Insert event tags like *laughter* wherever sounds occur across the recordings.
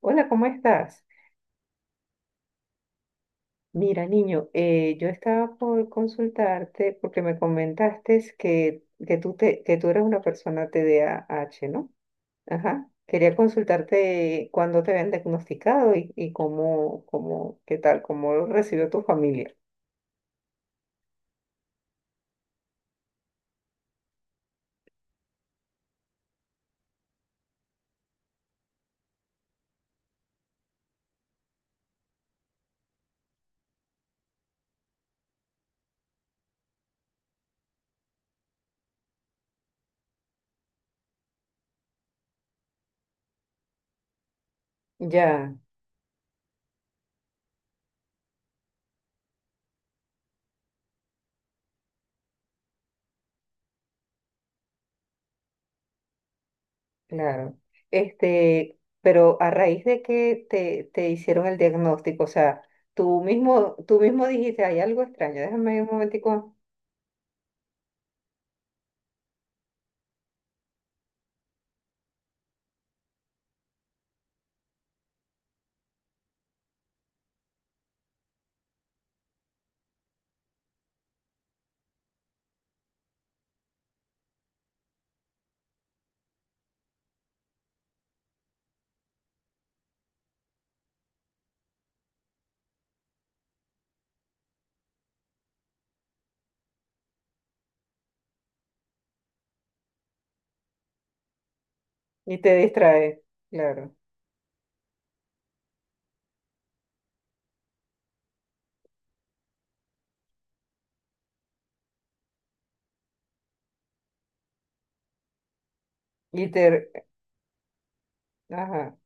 Hola, ¿cómo estás? Mira, niño, yo estaba por consultarte porque me comentaste que tú eres una persona TDAH, ¿no? Ajá. Quería consultarte cuándo te habían diagnosticado y cómo, qué tal, cómo lo recibió tu familia. Ya, claro. Este, pero a raíz de te hicieron el diagnóstico, o sea, tú mismo dijiste, hay algo extraño, déjame un momentico y te distraes. Claro. Y te, ajá,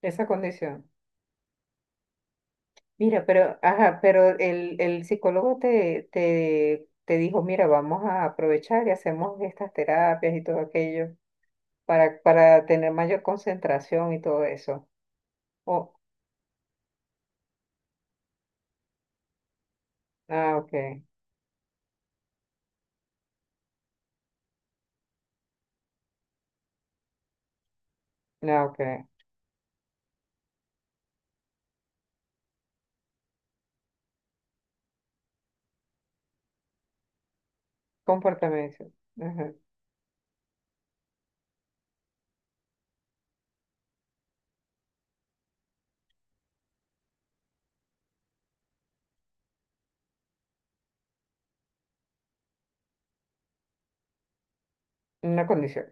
esa condición. Mira, pero, ajá, pero el psicólogo te, te dijo, mira, vamos a aprovechar y hacemos estas terapias y todo aquello para tener mayor concentración y todo eso. Oh, ah, ok, ah, ok. Comportamiento. Ajá, una condición.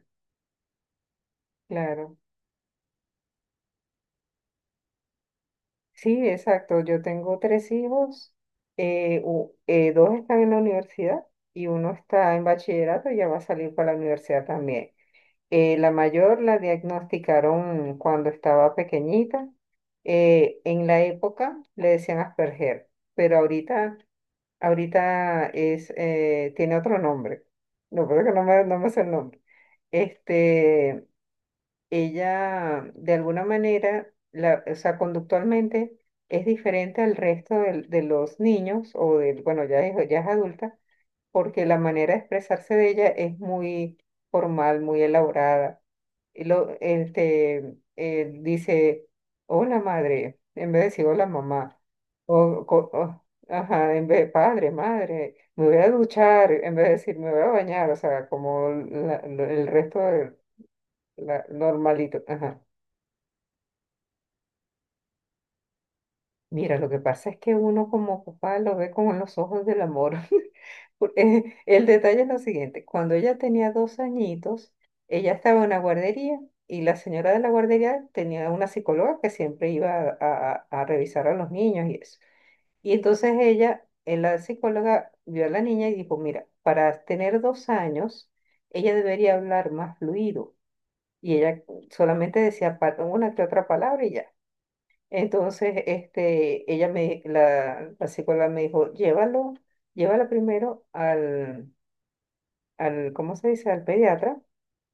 Claro. Sí, exacto. Yo tengo tres hijos. Dos están en la universidad y uno está en bachillerato y ya va a salir para la universidad también. La mayor la diagnosticaron cuando estaba pequeñita. En la época le decían Asperger, pero ahorita, ahorita es, tiene otro nombre. No, creo que no me, no me sé el nombre. Este, ella, de alguna manera, la, o sea, conductualmente es diferente al resto de los niños o del, bueno, ya es adulta porque la manera de expresarse de ella es muy formal, muy elaborada. Y lo, este, dice, hola madre, en vez de decir hola mamá, o, co- o- ajá, en vez de padre, madre, me voy a duchar, en vez de decir me voy a bañar, o sea, como el resto de la normalito, ajá. Mira, lo que pasa es que uno como papá lo ve con los ojos del amor. *laughs* El detalle es lo siguiente, cuando ella tenía dos añitos, ella estaba en una guardería y la señora de la guardería tenía una psicóloga que siempre iba a, a revisar a los niños y eso. Y entonces ella, la psicóloga vio a la niña y dijo, mira, para tener dos años, ella debería hablar más fluido. Y ella solamente decía una que otra palabra y ya. Entonces, este, la psicóloga me dijo, llévalo, llévala primero al, al, ¿cómo se dice? Al pediatra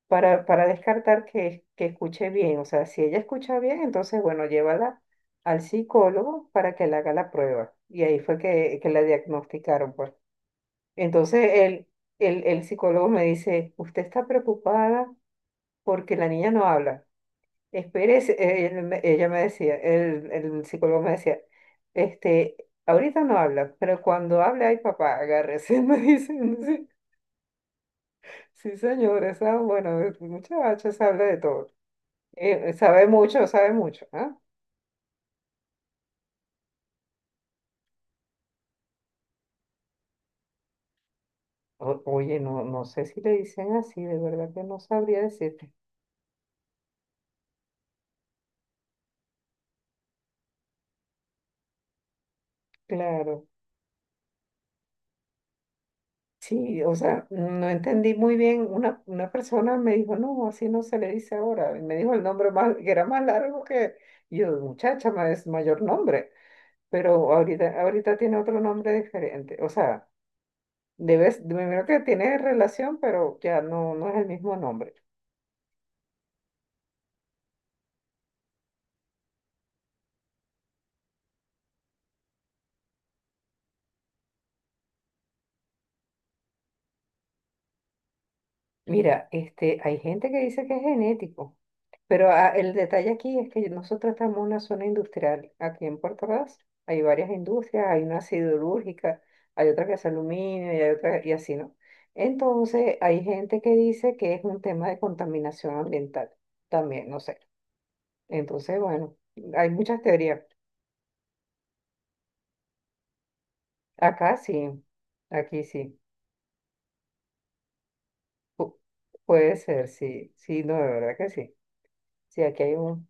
para descartar que escuche bien. O sea, si ella escucha bien, entonces, bueno, llévala al psicólogo para que le haga la prueba. Y ahí fue que la diagnosticaron, pues. Entonces, el psicólogo me dice, usted está preocupada porque la niña no habla. Espérese, él ella me decía, el psicólogo me decía, este, ahorita no habla, pero cuando hable, ay papá, agárrese, *laughs* me dicen, sí, sí señor, esa, bueno, el muchacho sabe de todo. Sabe mucho, sabe mucho, ¿ah? Oye, no, no sé si le dicen así, de verdad que no sabría decirte, claro. Sí, o sea, no entendí muy bien. Una persona me dijo, no, así no se le dice ahora. Y me dijo el nombre más, que era más largo que y yo, muchacha, es mayor nombre. Pero ahorita, ahorita tiene otro nombre diferente. O sea, debes, primero que tiene relación, pero ya no, no es el mismo nombre. Mira, este, hay gente que dice que es genético. Pero ah, el detalle aquí es que nosotros estamos en una zona industrial. Aquí en Puerto Ordaz hay varias industrias, hay una siderúrgica, hay otra que hace aluminio y hay otra y así, ¿no? Entonces, hay gente que dice que es un tema de contaminación ambiental también, no sé. Entonces, bueno, hay muchas teorías. Acá sí, aquí sí. Pu- Puede ser, sí, sí, no, de verdad que sí. Sí, aquí hay un,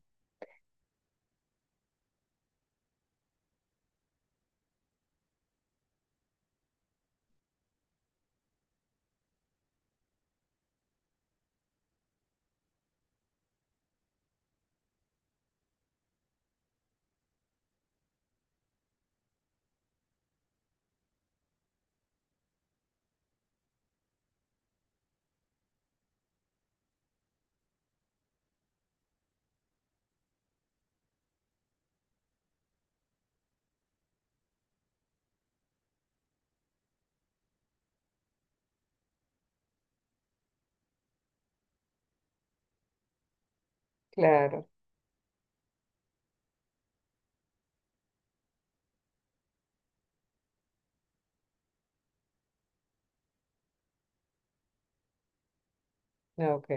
claro, ah, ok.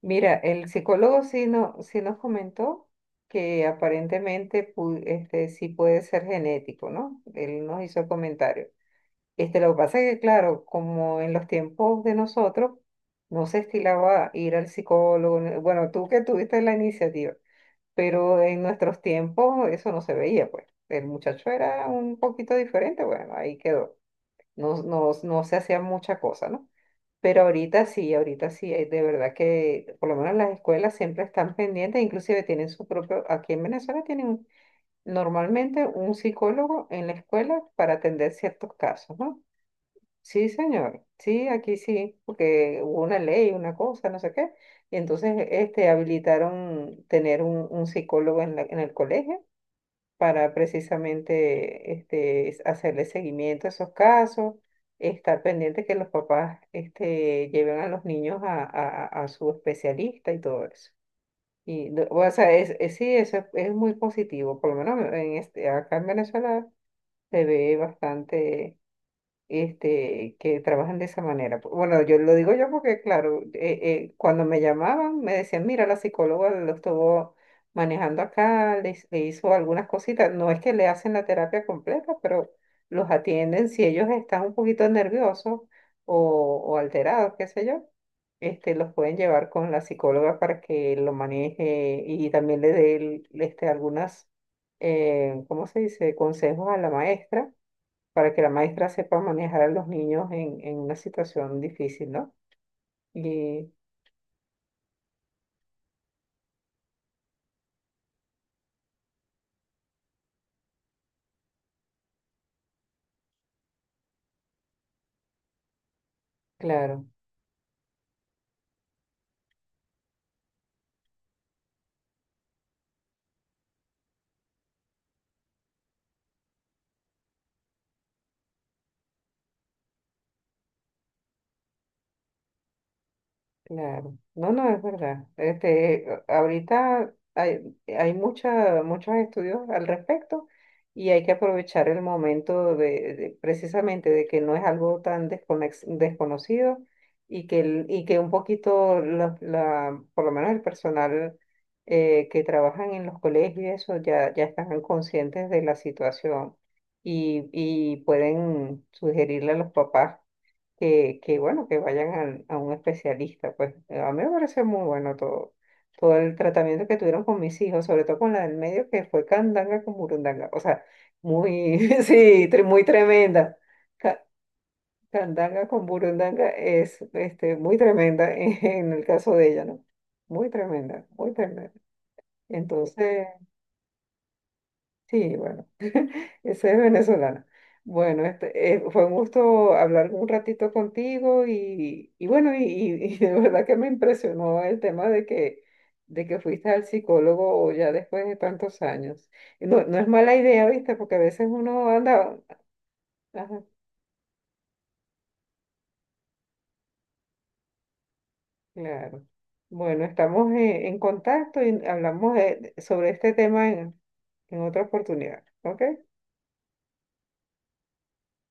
Mira, el psicólogo sí, no, sí nos comentó que aparentemente este, sí puede ser genético, ¿no? Él nos hizo el comentario. Este, lo que pasa es que, claro, como en los tiempos de nosotros, no se estilaba ir al psicólogo. Bueno, tú que tuviste la iniciativa, pero en nuestros tiempos eso no se veía, pues. El muchacho era un poquito diferente, bueno, ahí quedó. No, no, no se hacía mucha cosa, ¿no? Pero ahorita sí, de verdad que por lo menos las escuelas siempre están pendientes, inclusive tienen su propio, aquí en Venezuela normalmente un psicólogo en la escuela para atender ciertos casos, ¿no? Sí, señor, sí, aquí sí, porque hubo una ley, una cosa, no sé qué, y entonces este, habilitaron tener un psicólogo en en el colegio para precisamente este, hacerle seguimiento a esos casos, estar pendiente que los papás este, lleven a los niños a, a su especialista y todo eso. Y, o sea, sí, eso es muy positivo, por lo menos en este, acá en Venezuela se ve bastante este, que trabajan de esa manera. Bueno, yo lo digo yo porque, claro, cuando me llamaban me decían, mira, la psicóloga lo estuvo manejando acá, le hizo algunas cositas. No es que le hacen la terapia completa, pero los atienden si ellos están un poquito nerviosos o alterados, qué sé yo. Este, los pueden llevar con la psicóloga para que lo maneje y también este, algunas, ¿cómo se dice?, consejos a la maestra para que la maestra sepa manejar a los niños en una situación difícil, ¿no? Y claro. Claro, no, no, es verdad. Este, ahorita hay, muchos estudios al respecto y hay que aprovechar el momento de, precisamente de que no es algo tan desconocido y que, y que un poquito, por lo menos el personal que trabajan en los colegios y eso ya, ya están conscientes de la situación y pueden sugerirle a los papás que bueno, que vayan a, un especialista. Pues a mí me parece muy bueno todo, todo el tratamiento que tuvieron con mis hijos, sobre todo con la del medio, que fue candanga con burundanga. O sea, muy, *laughs* sí, muy tremenda. Ca- Candanga con burundanga es este, muy tremenda en el caso de ella, ¿no? Muy tremenda, muy tremenda. Entonces, sí, bueno. Esa es venezolana. Bueno, este, fue un gusto hablar un ratito contigo y bueno, y de verdad que me impresionó el tema de que fuiste al psicólogo ya después de tantos años. Y no, no es mala idea, ¿viste? Porque a veces uno anda... Ajá, claro. Bueno, estamos en contacto y hablamos sobre este tema en otra oportunidad. ¿Ok?